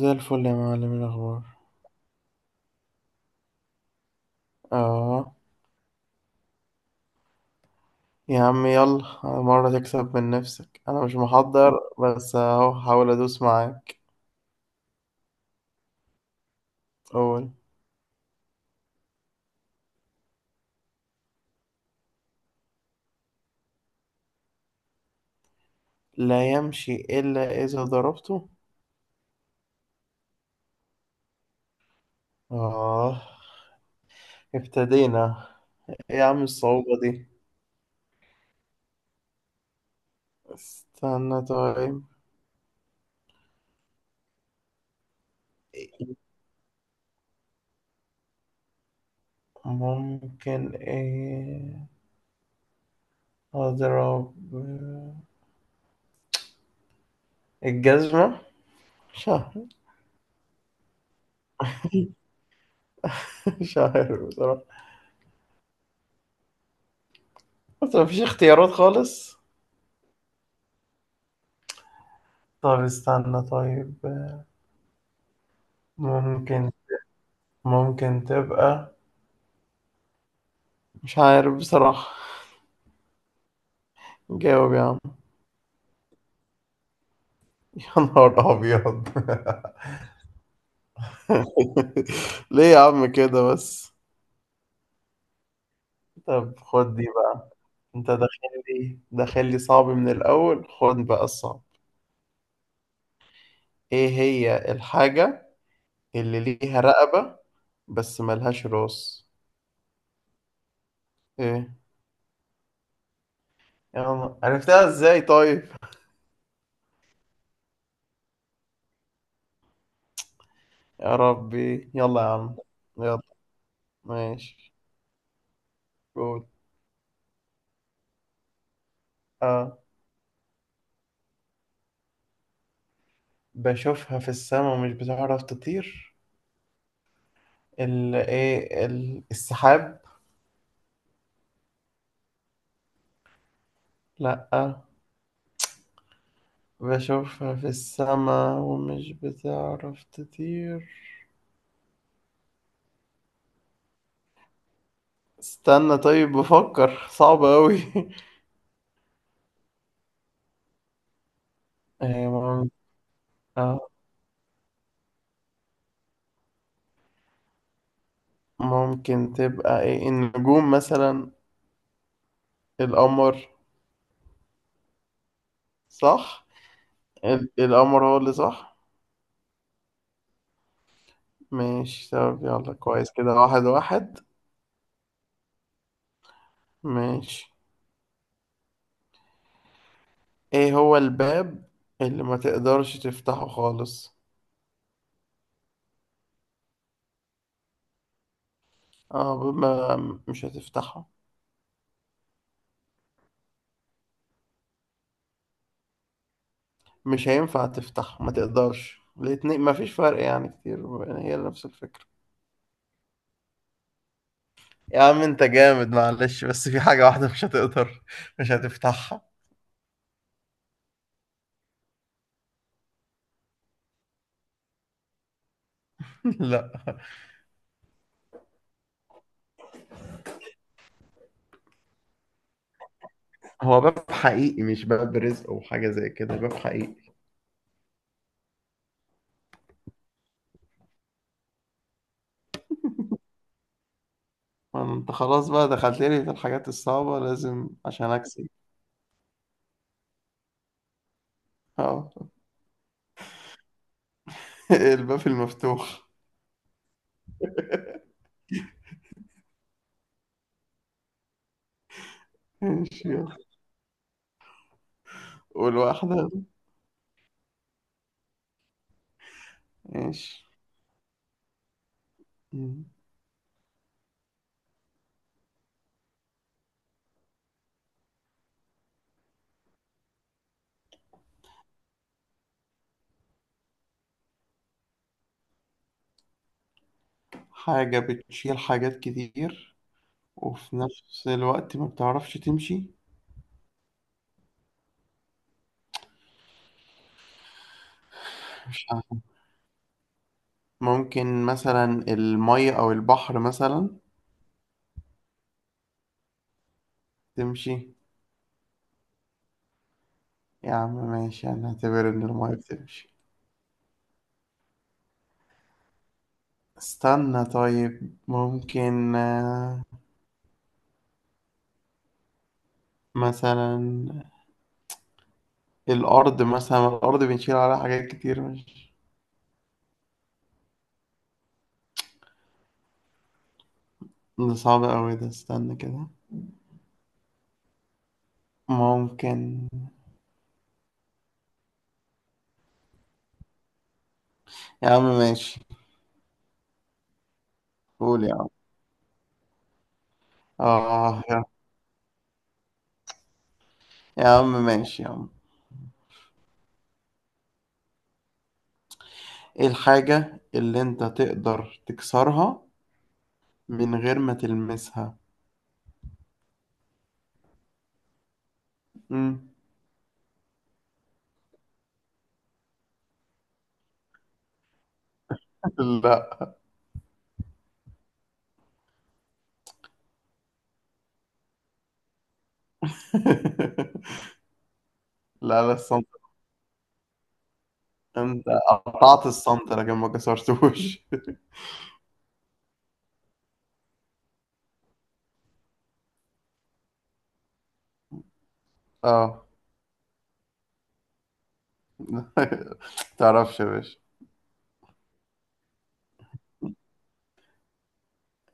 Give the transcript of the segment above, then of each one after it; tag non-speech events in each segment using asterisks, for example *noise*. زي الفل يا معلم، إيه الأخبار؟ اه. يا عم يلا، مرة تكسب من نفسك، أنا مش محضر، بس أهو حاول أدوس معاك. أول. لا يمشي إلا إذا ضربته. اه، ابتدينا. إيه يا عم الصعوبة دي؟ استنى طيب. ممكن إيه؟ أضرب الجزمة؟ مش عارف. *laughs* مش عارف بصراحة. بس مفيش اختيارات خالص. طب استنى طيب. ممكن ممكن تبقى. مش عارف بصراحة. جاوب يا عم. *laughs* يا نهار أبيض. *laughs* ليه يا عم كده بس؟ طب خد دي بقى. انت داخل لي صعب من الأول، خد بقى الصعب. ايه هي الحاجة اللي ليها رقبة بس ملهاش راس؟ ايه؟ يا عم، عرفتها ازاي طيب؟ يا ربي، يلا يا عم. يلا ماشي. قول. اه. بشوفها في السما ومش بتعرف تطير. السحاب. لأ. بشوفها في السما ومش بتعرف تطير. استنى طيب، بفكر، صعب أوي *laughs* إيه آه، ممكن تبقى ايه؟ النجوم مثلا؟ القمر. صح. القمر هو اللي صح. ماشي، طب يلا كويس، كده واحد واحد. ماشي. ايه هو الباب اللي ما تقدرش تفتحه خالص؟ اه، باب ما مش هتفتحه. مش هينفع تفتح، ما تقدرش، الاتنين ما فيش فرق، يعني كتير يعني هي نفس الفكرة. يا عم انت جامد، معلش، بس في حاجة واحدة مش هتقدر، مش هتفتحها. *laughs* لا. هو باب حقيقي، مش باب رزق او حاجة زي كده، باب حقيقي. انت خلاص بقى دخلت لي في الحاجات الصعبة، لازم عشان اكسب. اه. *laughs* الباب المفتوح. ماشي يلا. والواحدة. ماشي. مم. حاجة بتشيل حاجات كتير وفي نفس الوقت ما بتعرفش تمشي. مش ممكن مثلا المية أو البحر مثلا؟ تمشي. يا عم ماشي، هنعتبر إن المية بتمشي. استنى طيب، ممكن آه، مثلا الأرض مثلا، الأرض بنشيل عليها حاجات كتير، مش. ده صعب أوي ده، استنى كده. ممكن. يا عم ماشي. قول يا عم. آه يا يا عم ماشي يا عم. إيه الحاجة اللي أنت تقدر تكسرها من غير ما تلمسها؟ مم. *laughs* لا. *laughs* لا، لا، الصمت. انت قطعت الصمت لكن ما كسرتوش *laughs* اه. *laughs* تعرفش يا باشا.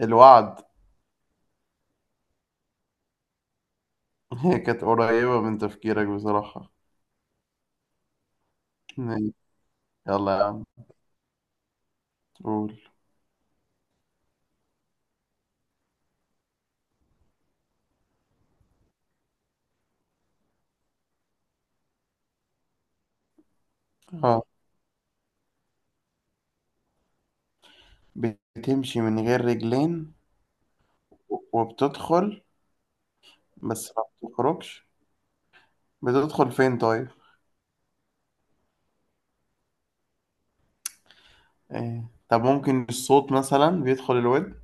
الوعد. *laughs* هي كانت قريبة من تفكيرك بصراحة. يلا يا عم. قول. اه. بتمشي من غير رجلين وبتدخل بس ما بتخرجش. بتدخل فين طيب؟ إيه؟ طب ممكن الصوت مثلا بيدخل الود.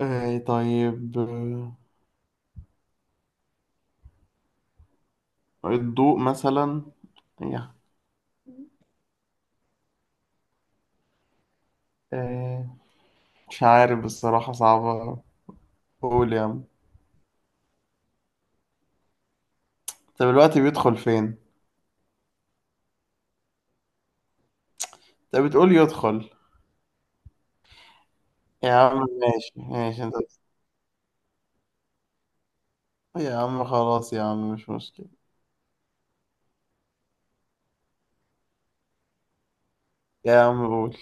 إيه طيب؟ آه، الضوء مثلا. إيه. إيه. مش عارف بصراحة، صعبة. قول يا عم. طب الوقت بيدخل فين؟ طب بتقول يدخل. يا عم ماشي، ماشي انت. يا عم خلاص يا عم، مش مشكلة. يا عم قول.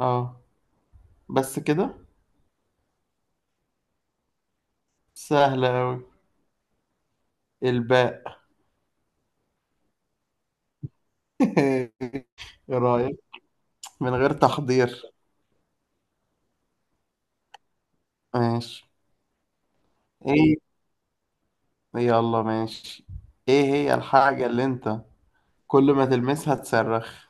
اه. بس كده؟ سهلة أوي. الباء. *laughs* ايه رأيك؟ من غير تحضير. ماشي. ايه. يلا ماشي. ايه هي الحاجة اللي انت كل ما تلمسها تصرخ؟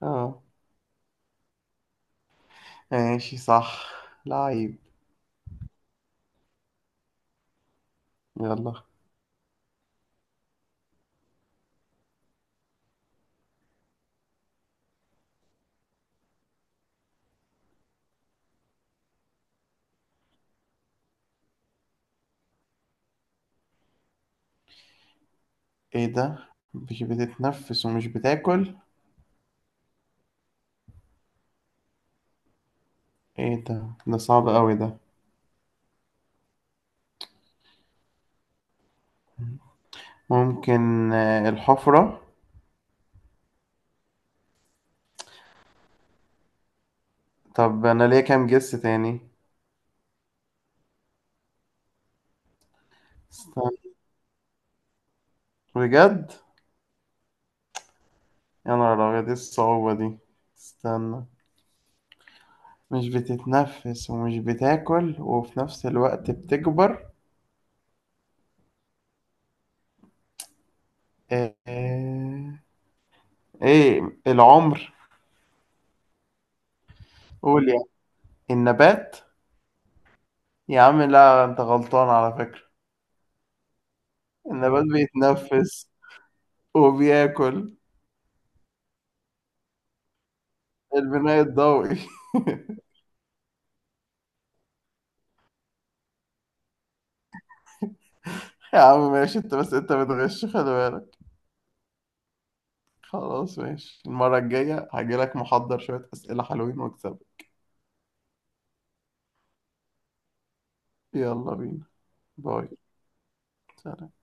اه. ماشي صح. لعيب. يلا. ايه ده؟ مش بتتنفس ومش بتاكل. ايه ده؟ ده صعب أوي ده. ممكن آه، الحفرة؟ طب أنا ليا كام جس تاني؟ استنى. بجد. يا نهار أبيض، إيه الصعوبة دي؟ استنى، مش بتتنفس ومش بتاكل وفي نفس الوقت بتكبر. آه، آه، إيه؟ العمر؟ قول يعني. النبات؟ يا عم لا، أنت غلطان على فكرة. النبات بيتنفس وبياكل. البناء الضوئي. *laughs* يا عم ماشي، أنت بس أنت بتغش، خلي بالك. خلاص ماشي، المرة الجاية هجيلك محضر شوية أسئلة حلوين واكسبك. يلا بينا. باي. سلام.